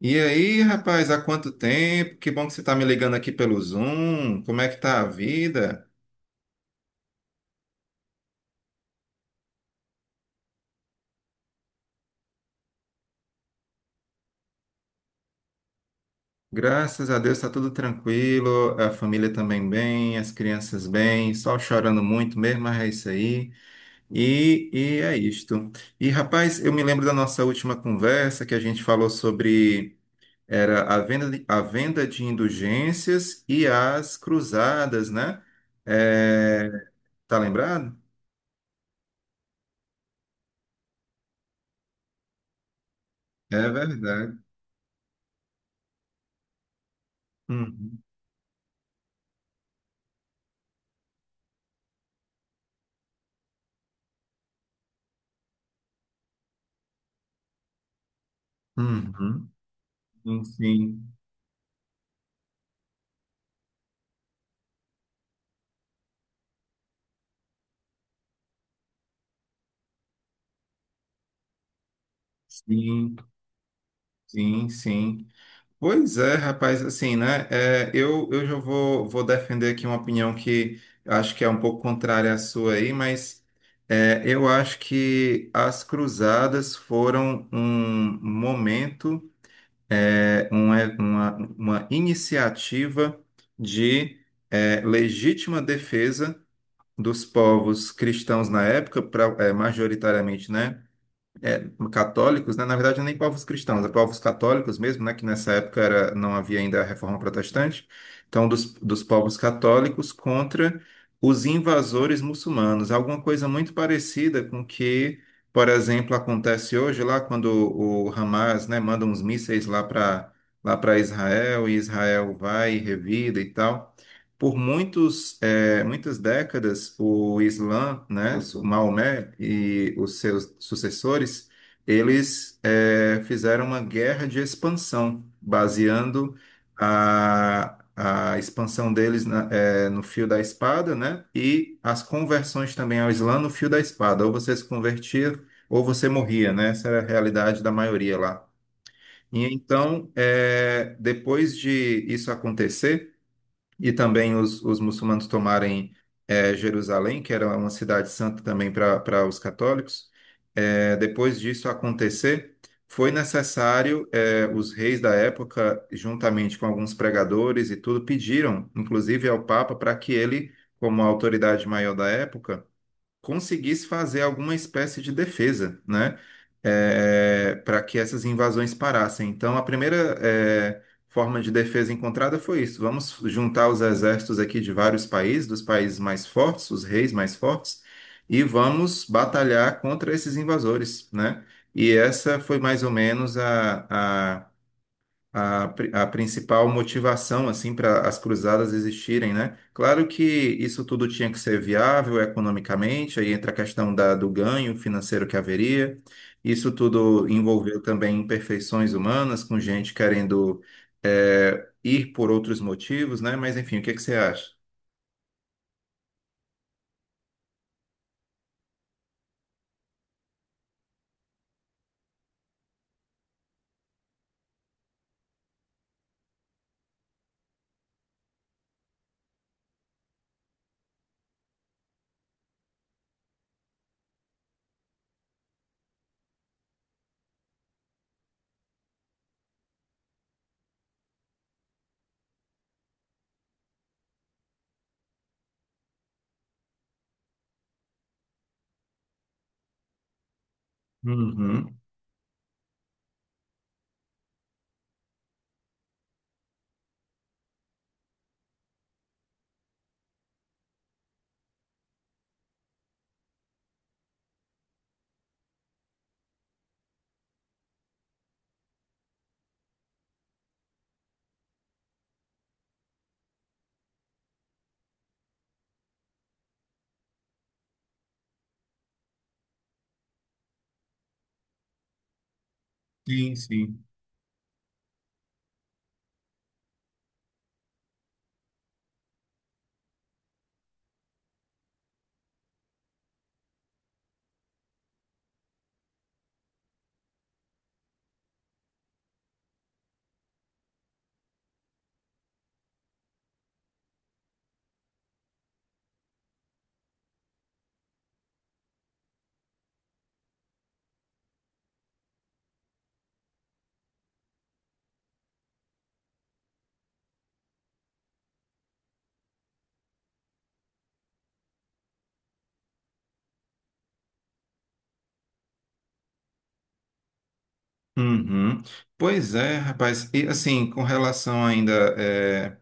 E aí, rapaz, há quanto tempo? Que bom que você está me ligando aqui pelo Zoom. Como é que tá a vida? Graças a Deus está tudo tranquilo, a família também bem, as crianças bem, só chorando muito mesmo, mas é isso aí. E é isto. E, rapaz, eu me lembro da nossa última conversa que a gente falou sobre era a venda de indulgências e as cruzadas, né? É, tá lembrado? É verdade. Uhum. Uhum. Sim, sim, sim, sim, sim. Pois é, rapaz, assim, né? Eu já vou defender aqui uma opinião que acho que é um pouco contrária à sua aí, mas é, eu acho que as cruzadas foram um momento, eh, um, é, uma, uma, uma iniciativa de é, legítima defesa dos povos cristãos na época, pra, é, majoritariamente, né? É, católicos, né? Na verdade, nem povos cristãos, é povos católicos mesmo, né? Que nessa época era, não havia ainda a Reforma Protestante. Então, dos povos católicos contra os invasores muçulmanos. Alguma coisa muito parecida com que, por exemplo, acontece hoje lá quando o Hamas, né, manda uns mísseis lá para lá para Israel e Israel vai e revida e tal. Por muitos, muitas décadas, o Islã, né, o Maomé e os seus sucessores, eles fizeram uma guerra de expansão, baseando a expansão deles no fio da espada, né, e as conversões também ao Islã no fio da espada. Ou você se convertia ou você morria, né? Essa era a realidade da maioria lá. E então, depois de isso acontecer, e também os muçulmanos tomarem Jerusalém, que era uma cidade santa também para os católicos, depois disso acontecer, foi necessário, os reis da época, juntamente com alguns pregadores e tudo, pediram, inclusive ao Papa, para que ele, como a autoridade maior da época, conseguisse fazer alguma espécie de defesa, né? É, para que essas invasões parassem. Então, a primeira, é, forma de defesa encontrada foi isso: vamos juntar os exércitos aqui de vários países, dos países mais fortes, os reis mais fortes, e vamos batalhar contra esses invasores, né? E essa foi mais ou menos a principal motivação assim para as cruzadas existirem, né? Claro que isso tudo tinha que ser viável economicamente, aí entra a questão do ganho financeiro que haveria. Isso tudo envolveu também imperfeições humanas, com gente querendo ir por outros motivos, né? Mas enfim, o que que você acha? Uhum. Sim, sim. Uhum. Pois é, rapaz. E assim, com relação ainda eh,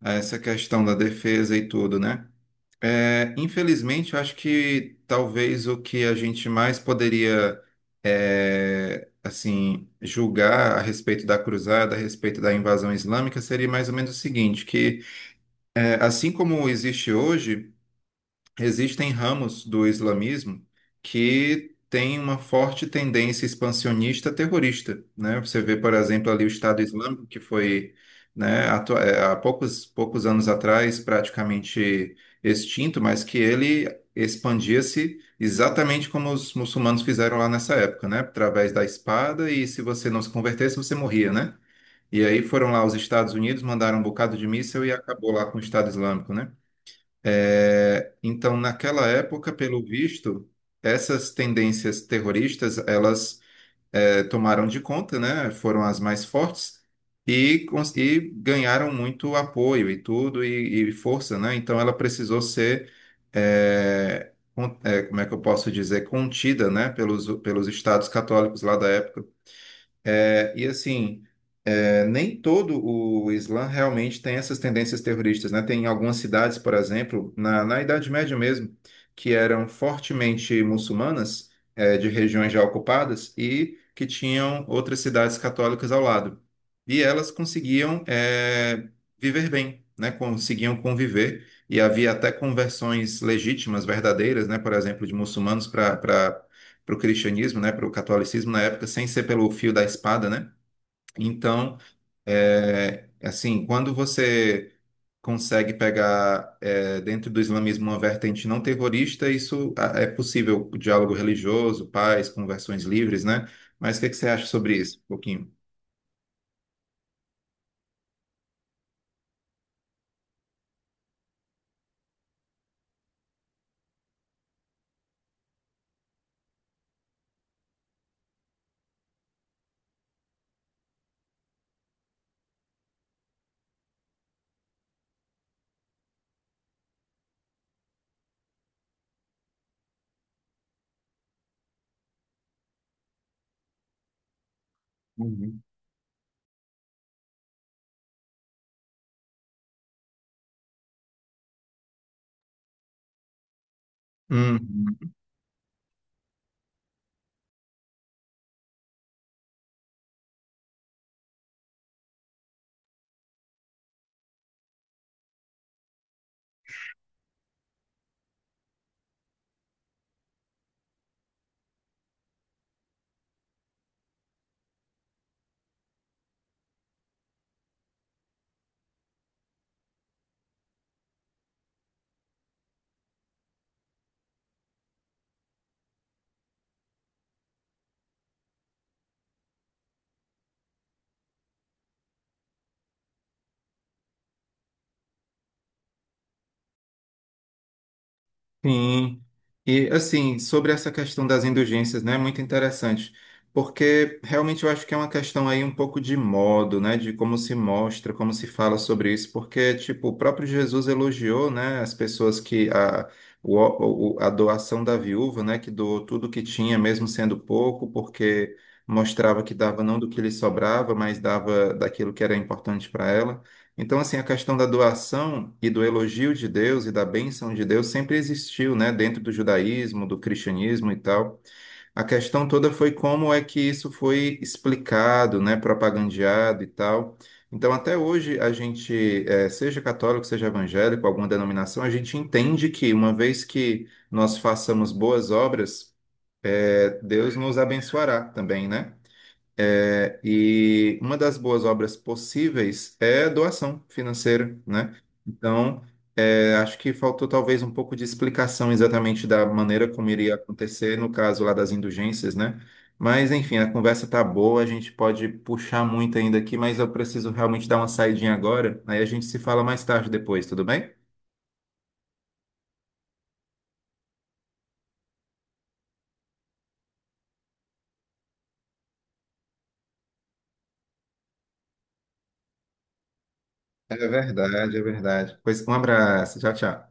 a essa questão da defesa e tudo, né? É, infelizmente, eu acho que talvez o que a gente mais poderia, é, assim, julgar a respeito da cruzada, a respeito da invasão islâmica, seria mais ou menos o seguinte, que é, assim como existe hoje existem ramos do islamismo que têm uma forte tendência expansionista terrorista, né? Você vê, por exemplo, ali o Estado Islâmico, que foi, né, há poucos anos atrás praticamente extinto, mas que ele expandia-se exatamente como os muçulmanos fizeram lá nessa época, né? Através da espada e se você não se convertesse, você morria, né? E aí foram lá os Estados Unidos, mandaram um bocado de míssil e acabou lá com o Estado Islâmico, né? É, então, naquela época, pelo visto, essas tendências terroristas, elas é, tomaram de conta, né? Foram as mais fortes e, e ganharam muito apoio e tudo e força, né? Então, ela precisou ser, é, é, como é que eu posso dizer, contida, né? Pelos estados católicos lá da época. É, e assim é, nem todo o Islã realmente tem essas tendências terroristas, né? Tem algumas cidades, por exemplo, na Idade Média mesmo, que eram fortemente muçulmanas, de regiões já ocupadas, e que tinham outras cidades católicas ao lado. E elas conseguiam, viver bem, né? Conseguiam conviver, e havia até conversões legítimas, verdadeiras, né? Por exemplo, de muçulmanos para o cristianismo, né? Para o catolicismo na época, sem ser pelo fio da espada, né? Então, é, assim, quando você consegue pegar é, dentro do islamismo uma vertente não terrorista, isso ah, é possível, o diálogo religioso, paz, conversões livres, né? Mas o que é que você acha sobre isso, um pouquinho? Uhum. Uhum. Sim, e assim, sobre essa questão das indulgências, né, é muito interessante, porque realmente eu acho que é uma questão aí um pouco de modo, né, de como se mostra, como se fala sobre isso, porque, tipo, o próprio Jesus elogiou, né, as pessoas que, a doação da viúva, né, que doou tudo que tinha, mesmo sendo pouco, porque mostrava que dava não do que lhe sobrava, mas dava daquilo que era importante para ela. Então, assim, a questão da doação e do elogio de Deus e da bênção de Deus sempre existiu, né, dentro do judaísmo, do cristianismo e tal. A questão toda foi como é que isso foi explicado, né, propagandeado e tal. Então, até hoje, a gente, seja católico, seja evangélico, alguma denominação, a gente entende que uma vez que nós façamos boas obras, Deus nos abençoará também, né? É, e uma das boas obras possíveis é doação financeira, né? Então, é, acho que faltou talvez um pouco de explicação exatamente da maneira como iria acontecer no caso lá das indulgências, né? Mas, enfim, a conversa tá boa, a gente pode puxar muito ainda aqui, mas eu preciso realmente dar uma saidinha agora, aí a gente se fala mais tarde depois, tudo bem? É verdade, é verdade. Pois um abraço, tchau, tchau.